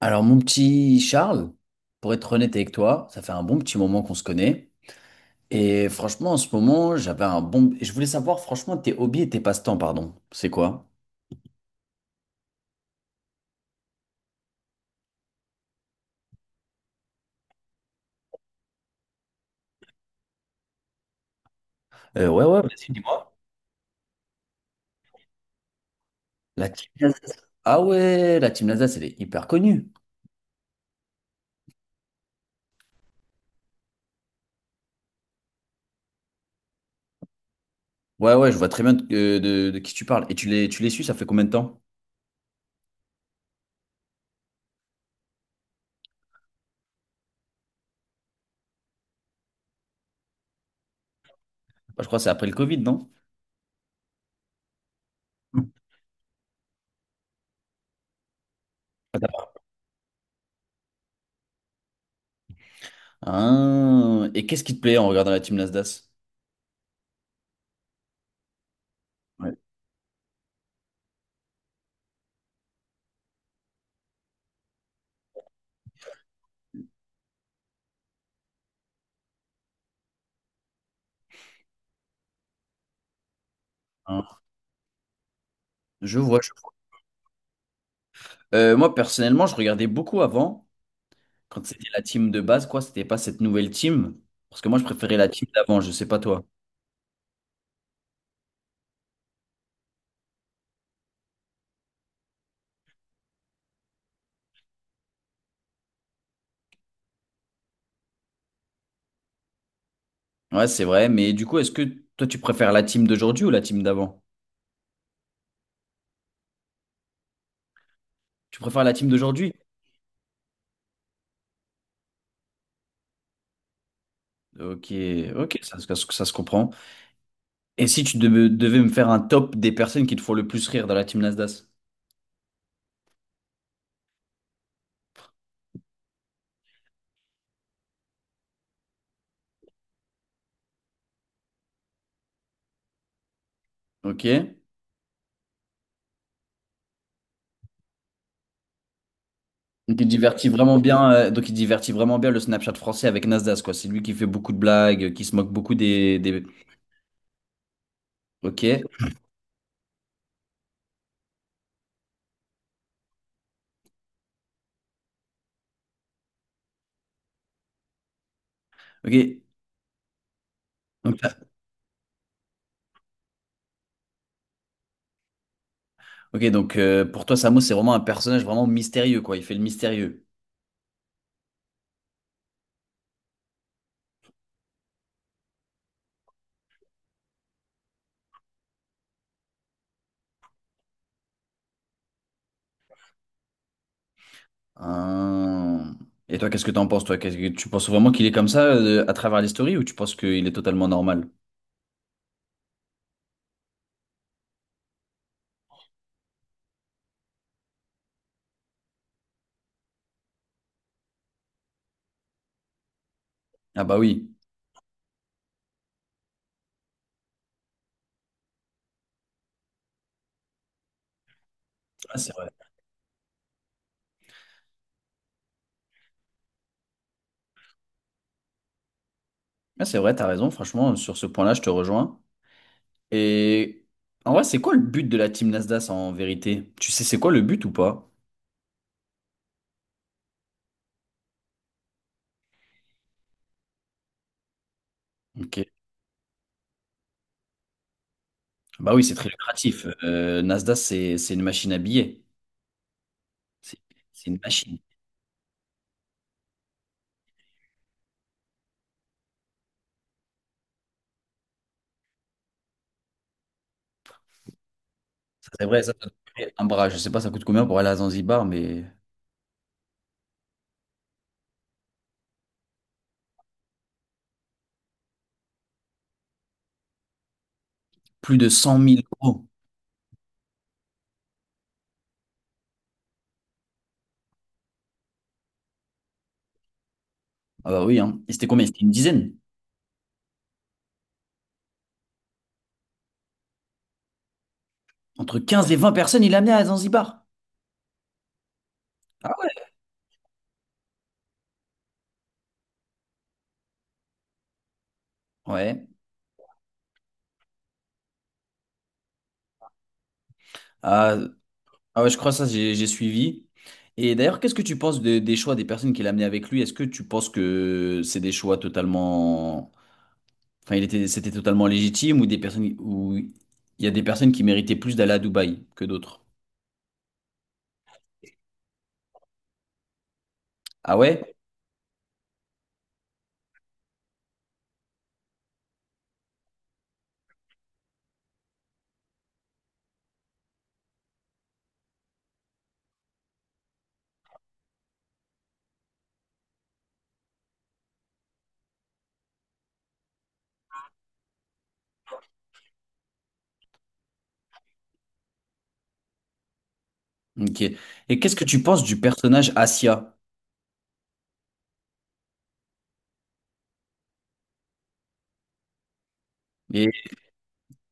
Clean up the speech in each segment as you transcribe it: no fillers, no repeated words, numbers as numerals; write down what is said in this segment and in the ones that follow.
Alors, mon petit Charles, pour être honnête avec toi, ça fait un bon petit moment qu'on se connaît. Et franchement, en ce moment, j'avais un bon... Je voulais savoir, franchement, tes hobbies et tes passe-temps, pardon. C'est quoi? Ouais, ouais, vas-y, dis-moi. La team- Ah ouais, la Team Nasdaq, elle est hyper connue. Ouais, ouais, je vois très bien de qui tu parles. Et tu les suis, ça fait combien de temps? Bah, je crois que c'est après le Covid, non? Ah, et qu'est-ce qui te plaît en regardant la Team Nasdaq? Ouais. Hein, je vois, je vois. Moi, personnellement, je regardais beaucoup avant. Quand c'était la team de base, quoi, c'était pas cette nouvelle team? Parce que moi, je préférais la team d'avant, je sais pas toi. Ouais, c'est vrai, mais du coup, est-ce que toi, tu préfères la team d'aujourd'hui ou la team d'avant? Tu préfères la team d'aujourd'hui? Ok, ok, ça se comprend. Et si tu devais me faire un top des personnes qui te font le plus rire dans la team Nasdaq? Ok. Donc, il divertit vraiment bien, le Snapchat français avec Nasdaq, quoi. C'est lui qui fait beaucoup de blagues, qui se moque beaucoup des... Ok. Ok. Donc, Ok, donc pour toi, Samo, c'est vraiment un personnage vraiment mystérieux, quoi. Il fait le mystérieux. Hein. Et toi, qu'est-ce que t'en penses, toi? Qu'est-ce que tu penses vraiment qu'il est comme ça à travers les stories ou tu penses qu'il est totalement normal? Ah bah oui. Ah, c'est vrai. Ah, c'est vrai, t'as raison. Franchement, sur ce point-là, je te rejoins. Et en vrai, c'est quoi le but de la team Nasdaq en vérité? Tu sais, c'est quoi le but ou pas? Ok. Bah oui, c'est très lucratif. Nasdaq, c'est une machine à billets. C'est c'est une machine. Ça, c'est vrai, ça doit coûter un bras. Je sais pas, ça coûte combien pour aller à Zanzibar, mais plus de cent mille euros. Ah bah oui, hein. Et c'était combien? C'était une dizaine. Entre 15 et 20 personnes, il amenait à Zanzibar. Ah ouais? Ouais. Ah, ah ouais, je crois ça, j'ai suivi. Et d'ailleurs, qu'est-ce que tu penses de- des choix des personnes qu'il a amenait avec lui? Est-ce que tu penses que c'est des choix totalement... Enfin, il était, c'était totalement légitime ou des personnes ou il y a des personnes qui méritaient plus d'aller à Dubaï que d'autres? Ah ouais? Ok. Et qu'est-ce que tu penses du personnage Asia? Et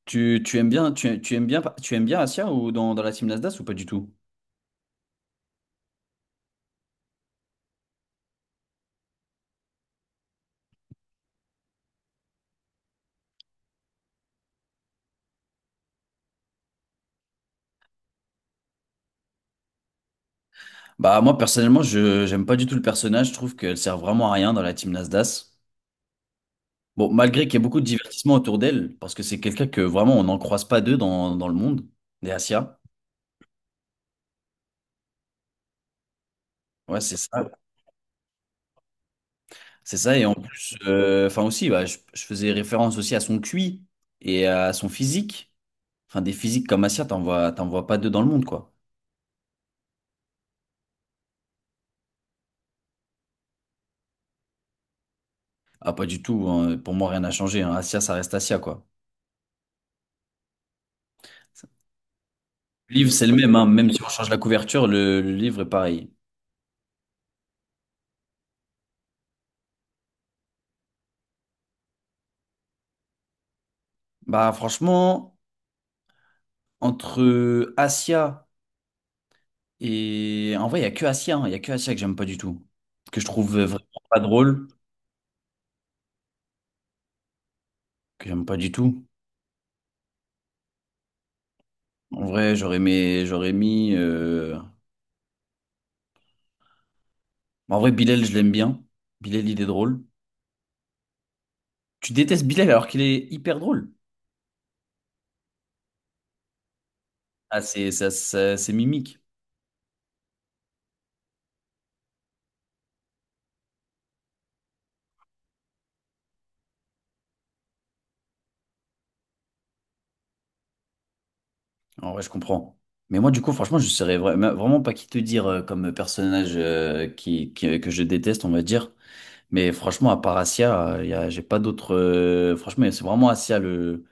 tu aimes bien, tu, tu aimes bien Asia ou dans la team Nasdaq ou pas du tout? Bah moi personnellement je j'aime pas du tout le personnage, je trouve qu'elle sert vraiment à rien dans la team Nasdaq. Bon, malgré qu'il y ait beaucoup de divertissement autour d'elle, parce que c'est quelqu'un que vraiment on n'en croise pas deux dans le monde, des Asia. Ouais, c'est ça. C'est ça. Et en plus, enfin aussi, bah, je faisais référence aussi à son QI et à son physique. Enfin, des physiques comme Asia, t'en vois pas deux dans le monde, quoi. Ah, pas du tout, hein. Pour moi, rien n'a changé, hein. Asia, ça reste Asia, quoi. Le livre, c'est le même, hein. Même si on change la couverture, le livre est pareil. Bah franchement, entre Asia et... En vrai, il y a que Asia, hein. Il y a que Asia que j'aime pas du tout. Que je trouve vraiment pas drôle, que j'aime pas du tout. En vrai, j'aurais mis... J'aurais mis en vrai, Bilal, je l'aime bien. Bilal, il est drôle. Tu détestes Bilal alors qu'il est hyper drôle. Ah, c'est ça, c'est mimique. En vrai, je comprends. Mais moi, du coup, franchement, je serais vraiment pas qui te dire comme personnage que je déteste, on va dire. Mais franchement, à part Asia, j'ai pas d'autres. Franchement, c'est vraiment Asia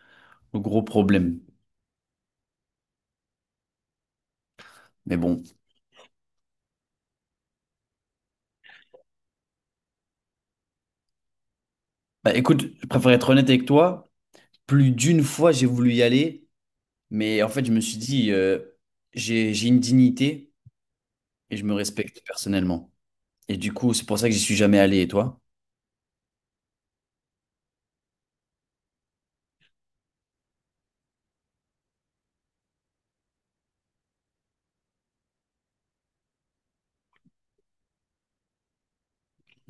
le gros problème. Mais bon. Bah, écoute, je préfère être honnête avec toi. Plus d'une fois, j'ai voulu y aller, mais en fait, je me suis dit, j'ai une dignité et je me respecte personnellement. Et du coup, c'est pour ça que j'y suis jamais allé. Et toi?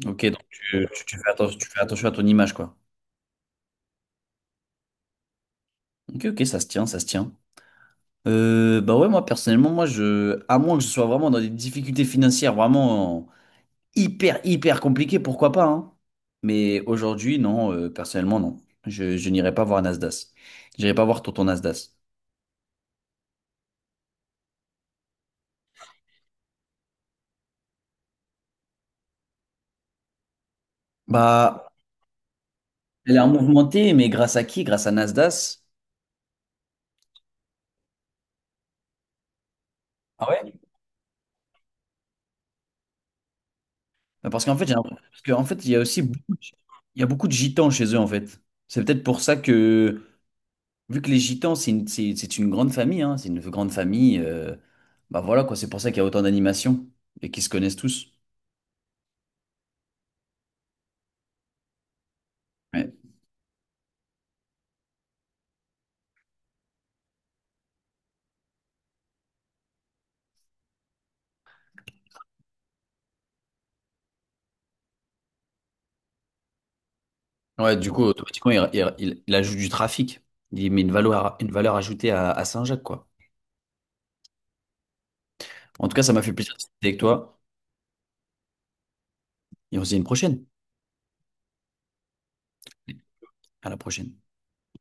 Ok, donc tu fais attention à ton image, quoi. Ok, ok, ça se tient, ça se tient. Bah ouais, moi, personnellement, moi, je, à moins que je sois vraiment dans des difficultés financières, vraiment, hyper, hyper compliqué, pourquoi pas, hein. Mais aujourd'hui, non, personnellement, non. Je n'irai pas voir Nasdaq. J'irai pas voir Tonton Nasdaq. Bah, elle est en mouvementée, mais grâce à qui? Grâce à Nasdaq. Ah ouais? Bah, parce qu'en fait, il y a aussi beaucoup de, il y a beaucoup de gitans chez eux, en fait. C'est peut-être pour ça que, vu que les gitans, c'est une grande famille, hein, c'est une grande famille, bah voilà, quoi, c'est pour ça qu'il y a autant d'animations et qu'ils se connaissent tous. Ouais. Ouais, du coup, automatiquement, il ajoute du trafic. Il met une valeur ajoutée à Saint-Jacques, quoi. En tout cas, ça m'a fait plaisir de discuter avec toi. Et on se dit à une prochaine. À la prochaine.